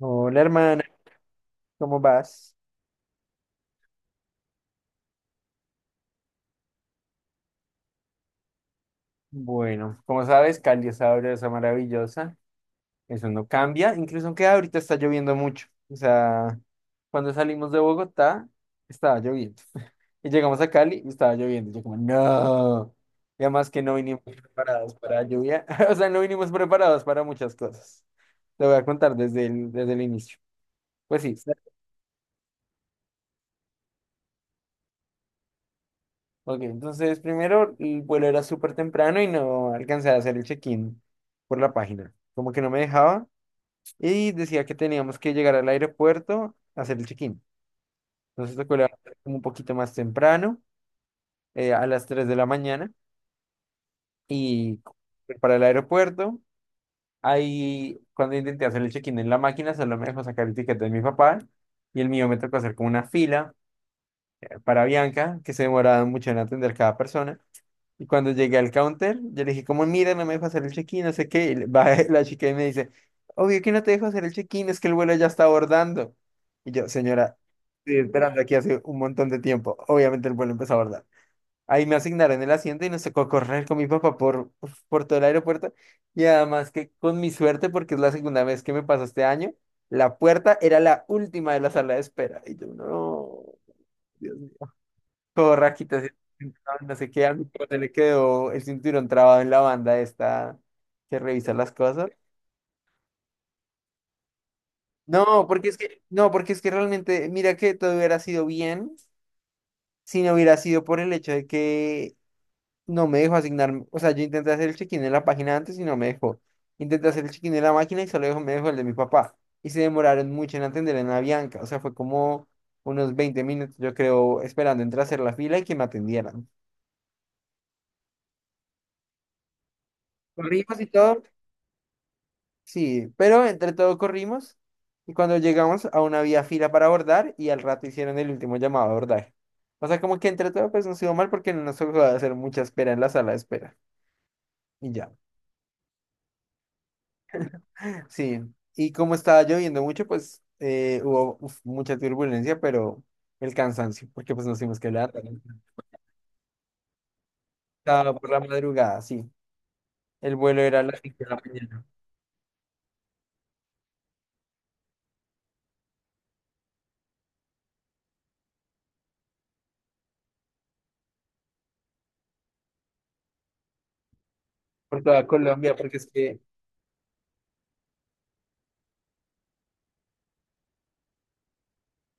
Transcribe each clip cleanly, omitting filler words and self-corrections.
Hola hermana, ¿cómo vas? Bueno, como sabes, Cali es sabrosa, maravillosa. Eso no cambia, incluso aunque ahorita está lloviendo mucho. O sea, cuando salimos de Bogotá, estaba lloviendo. Y llegamos a Cali y estaba lloviendo. Y yo como, no. Y además que no vinimos preparados para la lluvia. O sea, no vinimos preparados para muchas cosas. Te voy a contar desde el inicio. Pues sí. Ok, entonces primero el vuelo era súper temprano y no alcancé a hacer el check-in por la página. Como que no me dejaba y decía que teníamos que llegar al aeropuerto a hacer el check-in. Entonces tocó levantarme como un poquito más temprano, a las 3 de la mañana y correr para el aeropuerto. Ahí cuando intenté hacer el check-in en la máquina solo me dejó sacar el ticket de mi papá y el mío me tocó hacer como una fila para Bianca que se demoraba mucho en atender cada persona. Y cuando llegué al counter, yo le dije, como, mira, no me dejo hacer el check-in, no sé qué. Y va la chica y me dice, obvio que no te dejo hacer el check-in, es que el vuelo ya está abordando. Y yo, señora, estoy esperando aquí hace un montón de tiempo. Obviamente el vuelo empezó a abordar. Ahí me asignaron el asiento y nos tocó correr con mi papá por, uf, por todo el aeropuerto. Y además que con mi suerte, porque es la segunda vez que me pasa este año, la puerta era la última de la sala de espera. Y yo, no. Todo rajita, así, no sé qué, árbitro, se le quedó el cinturón trabado en la banda esta que revisa las cosas. No, porque es que, no, porque es que realmente, mira que todo hubiera sido bien si no hubiera sido por el hecho de que no me dejó asignar, o sea, yo intenté hacer el check-in en la página antes y no me dejó. Intenté hacer el check-in en la máquina y solo me dejó el de mi papá. Y se demoraron mucho en atender en la Bianca, o sea, fue como unos 20 minutos, yo creo, esperando entre hacer la fila y que me atendieran. Corrimos y todo. Sí, pero entre todo corrimos y cuando llegamos a una vía fila para abordar y al rato hicieron el último llamado a abordar. O sea, como que entre todo pues nos iba mal porque no nos tocó hacer mucha espera en la sala de espera. Y ya. Sí, y como estaba lloviendo mucho, pues hubo uf, mucha turbulencia, pero el cansancio, porque pues nos tuvimos que levantar. Estaba por la madrugada, sí. El vuelo era a las 5 de la mañana por toda Colombia, porque es que...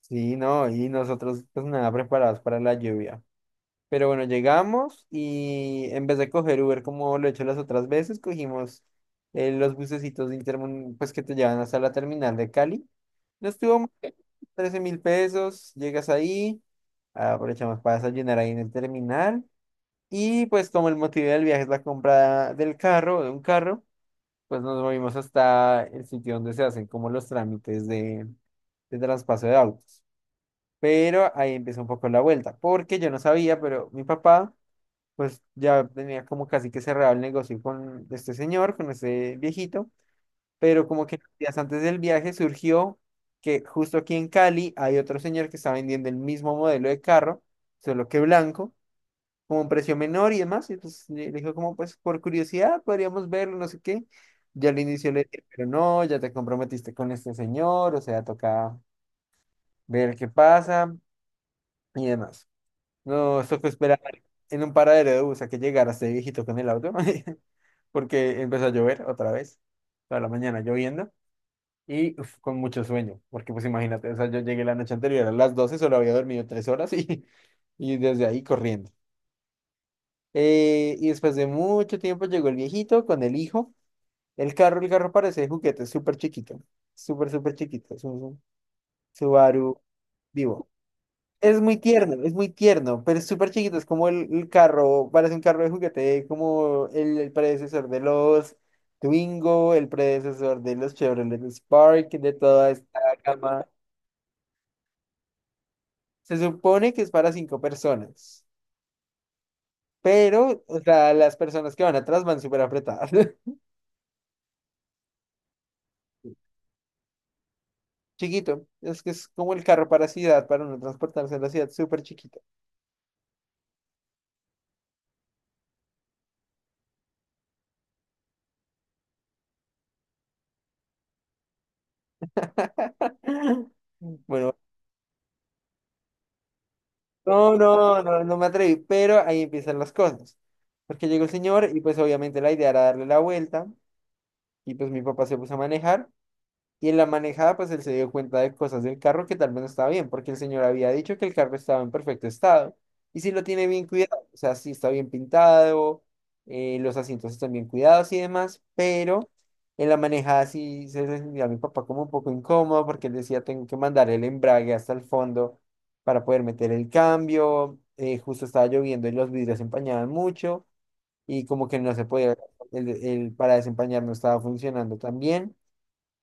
Sí, no, y nosotros pues nada preparados para la lluvia. Pero bueno, llegamos y en vez de coger Uber como lo he hecho las otras veces, cogimos los bucecitos de Intermun, pues que te llevan hasta la terminal de Cali. No estuvo mal, 13 mil pesos, llegas ahí, aprovechamos para desayunar ahí en el terminal. Y pues como el motivo del viaje es la compra del carro, de un carro, pues nos movimos hasta el sitio donde se hacen como los trámites de traspaso de autos. Pero ahí empieza un poco la vuelta, porque yo no sabía, pero mi papá pues ya tenía como casi que cerrado el negocio con este señor, con este viejito, pero como que días antes del viaje surgió que justo aquí en Cali hay otro señor que está vendiendo el mismo modelo de carro, solo que blanco, como un precio menor y demás, y pues le dijo como pues por curiosidad podríamos verlo, no sé qué. Ya al inicio le dije, pero no, ya te comprometiste con este señor, o sea, toca ver qué pasa y demás. No, tocó esperar en un paradero de bus a que llegara este viejito con el auto. Porque empezó a llover otra vez, toda la mañana lloviendo y uf, con mucho sueño, porque pues imagínate, o sea, yo llegué la noche anterior a las 12, solo había dormido 3 horas y, y desde ahí corriendo. Y después de mucho tiempo llegó el viejito con el hijo, el carro parece de juguete, es súper chiquito, súper, súper chiquito, es un Subaru vivo. Es muy tierno, pero es súper chiquito, es como el carro, parece un carro de juguete, como el predecesor de los Twingo, el predecesor de los Chevrolet Spark, de toda esta gama. Se supone que es para 5 personas, pero, o sea, las personas que van atrás van súper apretadas. Chiquito, es que es como el carro para ciudad, para uno transportarse en la ciudad, súper chiquito. Bueno, no, no, no, no me atreví, pero ahí empiezan las cosas. Porque llegó el señor y pues obviamente la idea era darle la vuelta y pues mi papá se puso a manejar y en la manejada, pues él se dio cuenta de cosas del carro que tal vez no estaba bien, porque el señor había dicho que el carro estaba en perfecto estado. Y si lo tiene bien cuidado, o sea, sí está bien pintado, los asientos están bien cuidados y demás, pero en la manejada sí se le sentía a mi papá como un poco incómodo, porque él decía, tengo que mandar el embrague hasta el fondo para poder meter el cambio. Justo estaba lloviendo y los vidrios se empañaban mucho, y como que no se podía, el para desempañar no estaba funcionando tan bien.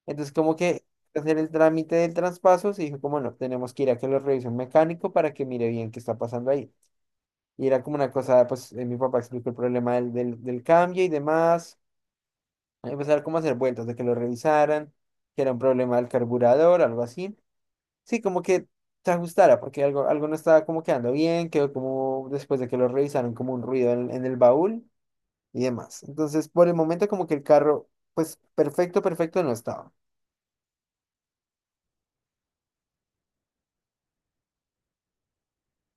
Entonces, como que hacer el trámite del traspaso, se dijo como no, tenemos que ir a que lo revise un mecánico para que mire bien qué está pasando ahí. Y era como una cosa, pues mi papá explicó el problema del cambio y demás. Empezar como a hacer vueltas de que lo revisaran, que era un problema del carburador, algo así. Sí, como que se ajustara, porque algo, algo no estaba como quedando bien, quedó como después de que lo revisaron como un ruido en el baúl y demás. Entonces, por el momento como que el carro, pues perfecto, perfecto no estaba.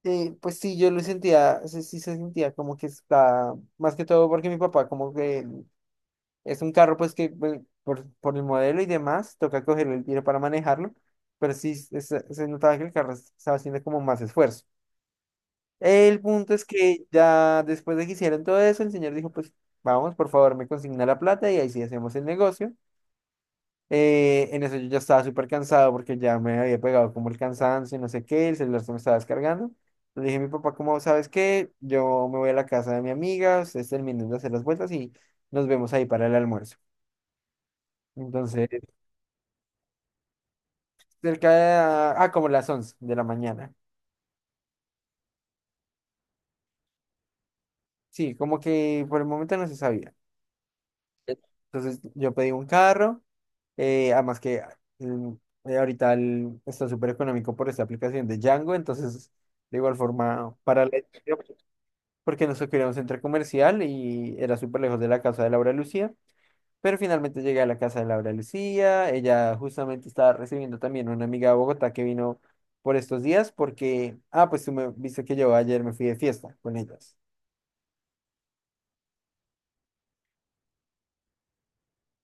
Pues sí, yo lo sentía, sí, sí se sentía como que está, más que todo porque mi papá como que es un carro pues que pues, por el modelo y demás, toca cogerlo el tiro para manejarlo, pero sí se, se notaba que el carro estaba haciendo como más esfuerzo. El punto es que ya después de que hicieron todo eso, el señor dijo pues vamos, por favor, me consigna la plata y ahí sí hacemos el negocio. En eso yo ya estaba súper cansado porque ya me había pegado como el cansancio y no sé qué, el celular se me estaba descargando. Le dije a mi papá, como sabes qué? Yo me voy a la casa de mi amiga, ustedes terminen de hacer las vueltas y nos vemos ahí para el almuerzo. Entonces, cerca de, como las 11 de la mañana. Sí, como que por el momento no se sabía. Entonces yo pedí un carro, además que mm, ahorita está súper económico por esta aplicación de Django, entonces de igual forma para la... porque nos quería un centro comercial y era súper lejos de la casa de Laura Lucía. Pero finalmente llegué a la casa de Laura Lucía. Ella justamente estaba recibiendo también una amiga de Bogotá que vino por estos días porque, ah, pues tú me viste que yo ayer me fui de fiesta con ellas.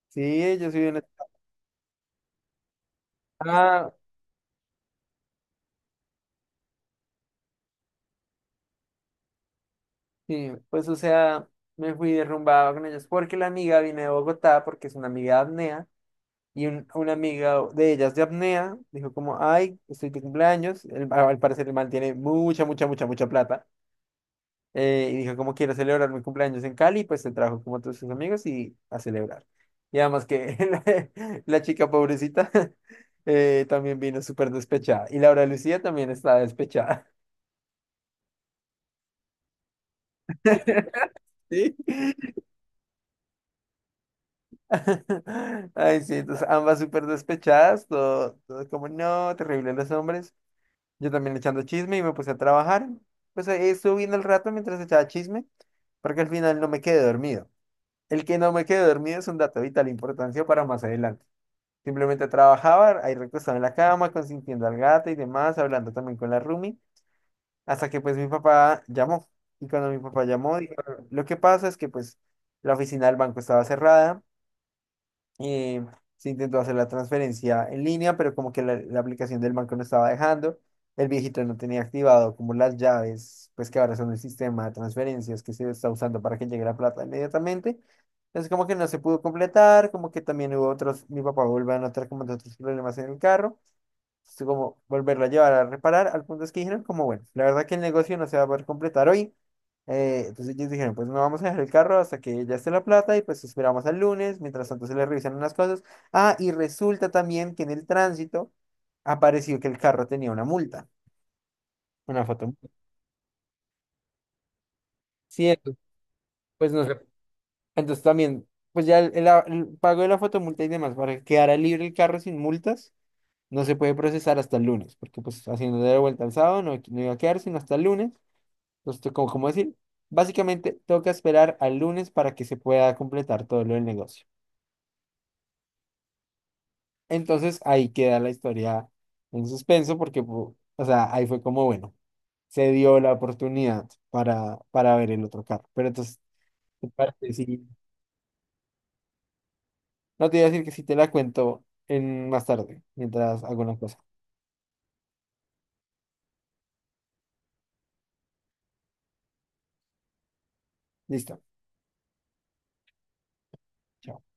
Sí, yo soy una... Ah, sí, pues o sea, me fui derrumbado con ellas porque la amiga vino de Bogotá porque es una amiga de apnea. Y una amiga de ellas de apnea dijo como, ay, estoy de cumpleaños. Al parecer el man tiene mucha, mucha, mucha, mucha plata. Y dijo, ¿cómo quiero celebrar mi cumpleaños en Cali? Pues se trajo como a todos sus amigos y a celebrar. Y además que la chica pobrecita también vino súper despechada. Y Laura Lucía también estaba despechada. Sí. Ay, sí, entonces ambas súper despechadas, todo, todo como, no, terrible los hombres. Yo también echando chisme y me puse a trabajar. Pues ahí estuve viendo el rato mientras echaba chisme, porque al final no me quedé dormido. El que no me quedé dormido es un dato de vital importancia para más adelante. Simplemente trabajaban ahí recostado en la cama, consintiendo al gato y demás, hablando también con la roomie hasta que pues mi papá llamó. Y cuando mi papá llamó, dijo, lo que pasa es que pues la oficina del banco estaba cerrada, eh, se intentó hacer la transferencia en línea, pero como que la aplicación del banco no estaba dejando. El viejito no tenía activado como las llaves, pues que ahora son el sistema de transferencias que se está usando para que llegue la plata inmediatamente. Entonces como que no se pudo completar, como que también hubo otros, mi papá volvió a notar como de otros problemas en el carro es como volverla a llevar a reparar, al punto es que dijeron como, bueno, la verdad que el negocio no se va a poder completar hoy. Entonces ellos dijeron, pues no vamos a dejar el carro hasta que ya esté la plata y pues esperamos al lunes, mientras tanto se le revisan unas cosas. Ah, y resulta también que en el tránsito apareció que el carro tenía una multa, una fotomulta. Sí, entonces, pues no sé. Entonces también, pues ya el, el pago de la fotomulta y demás, para que quedara libre el carro sin multas, no se puede procesar hasta el lunes, porque pues haciendo de vuelta al sábado no, no iba a quedar sino hasta el lunes. Justo como, como decir, básicamente toca esperar al lunes para que se pueda completar todo lo del negocio. Entonces ahí queda la historia en suspenso porque, o sea, ahí fue como, bueno, se dio la oportunidad para ver el otro carro. Pero entonces, ¿te parece si- no te voy a decir que si te la cuento en más tarde, mientras hago una cosa. Listo. Chao.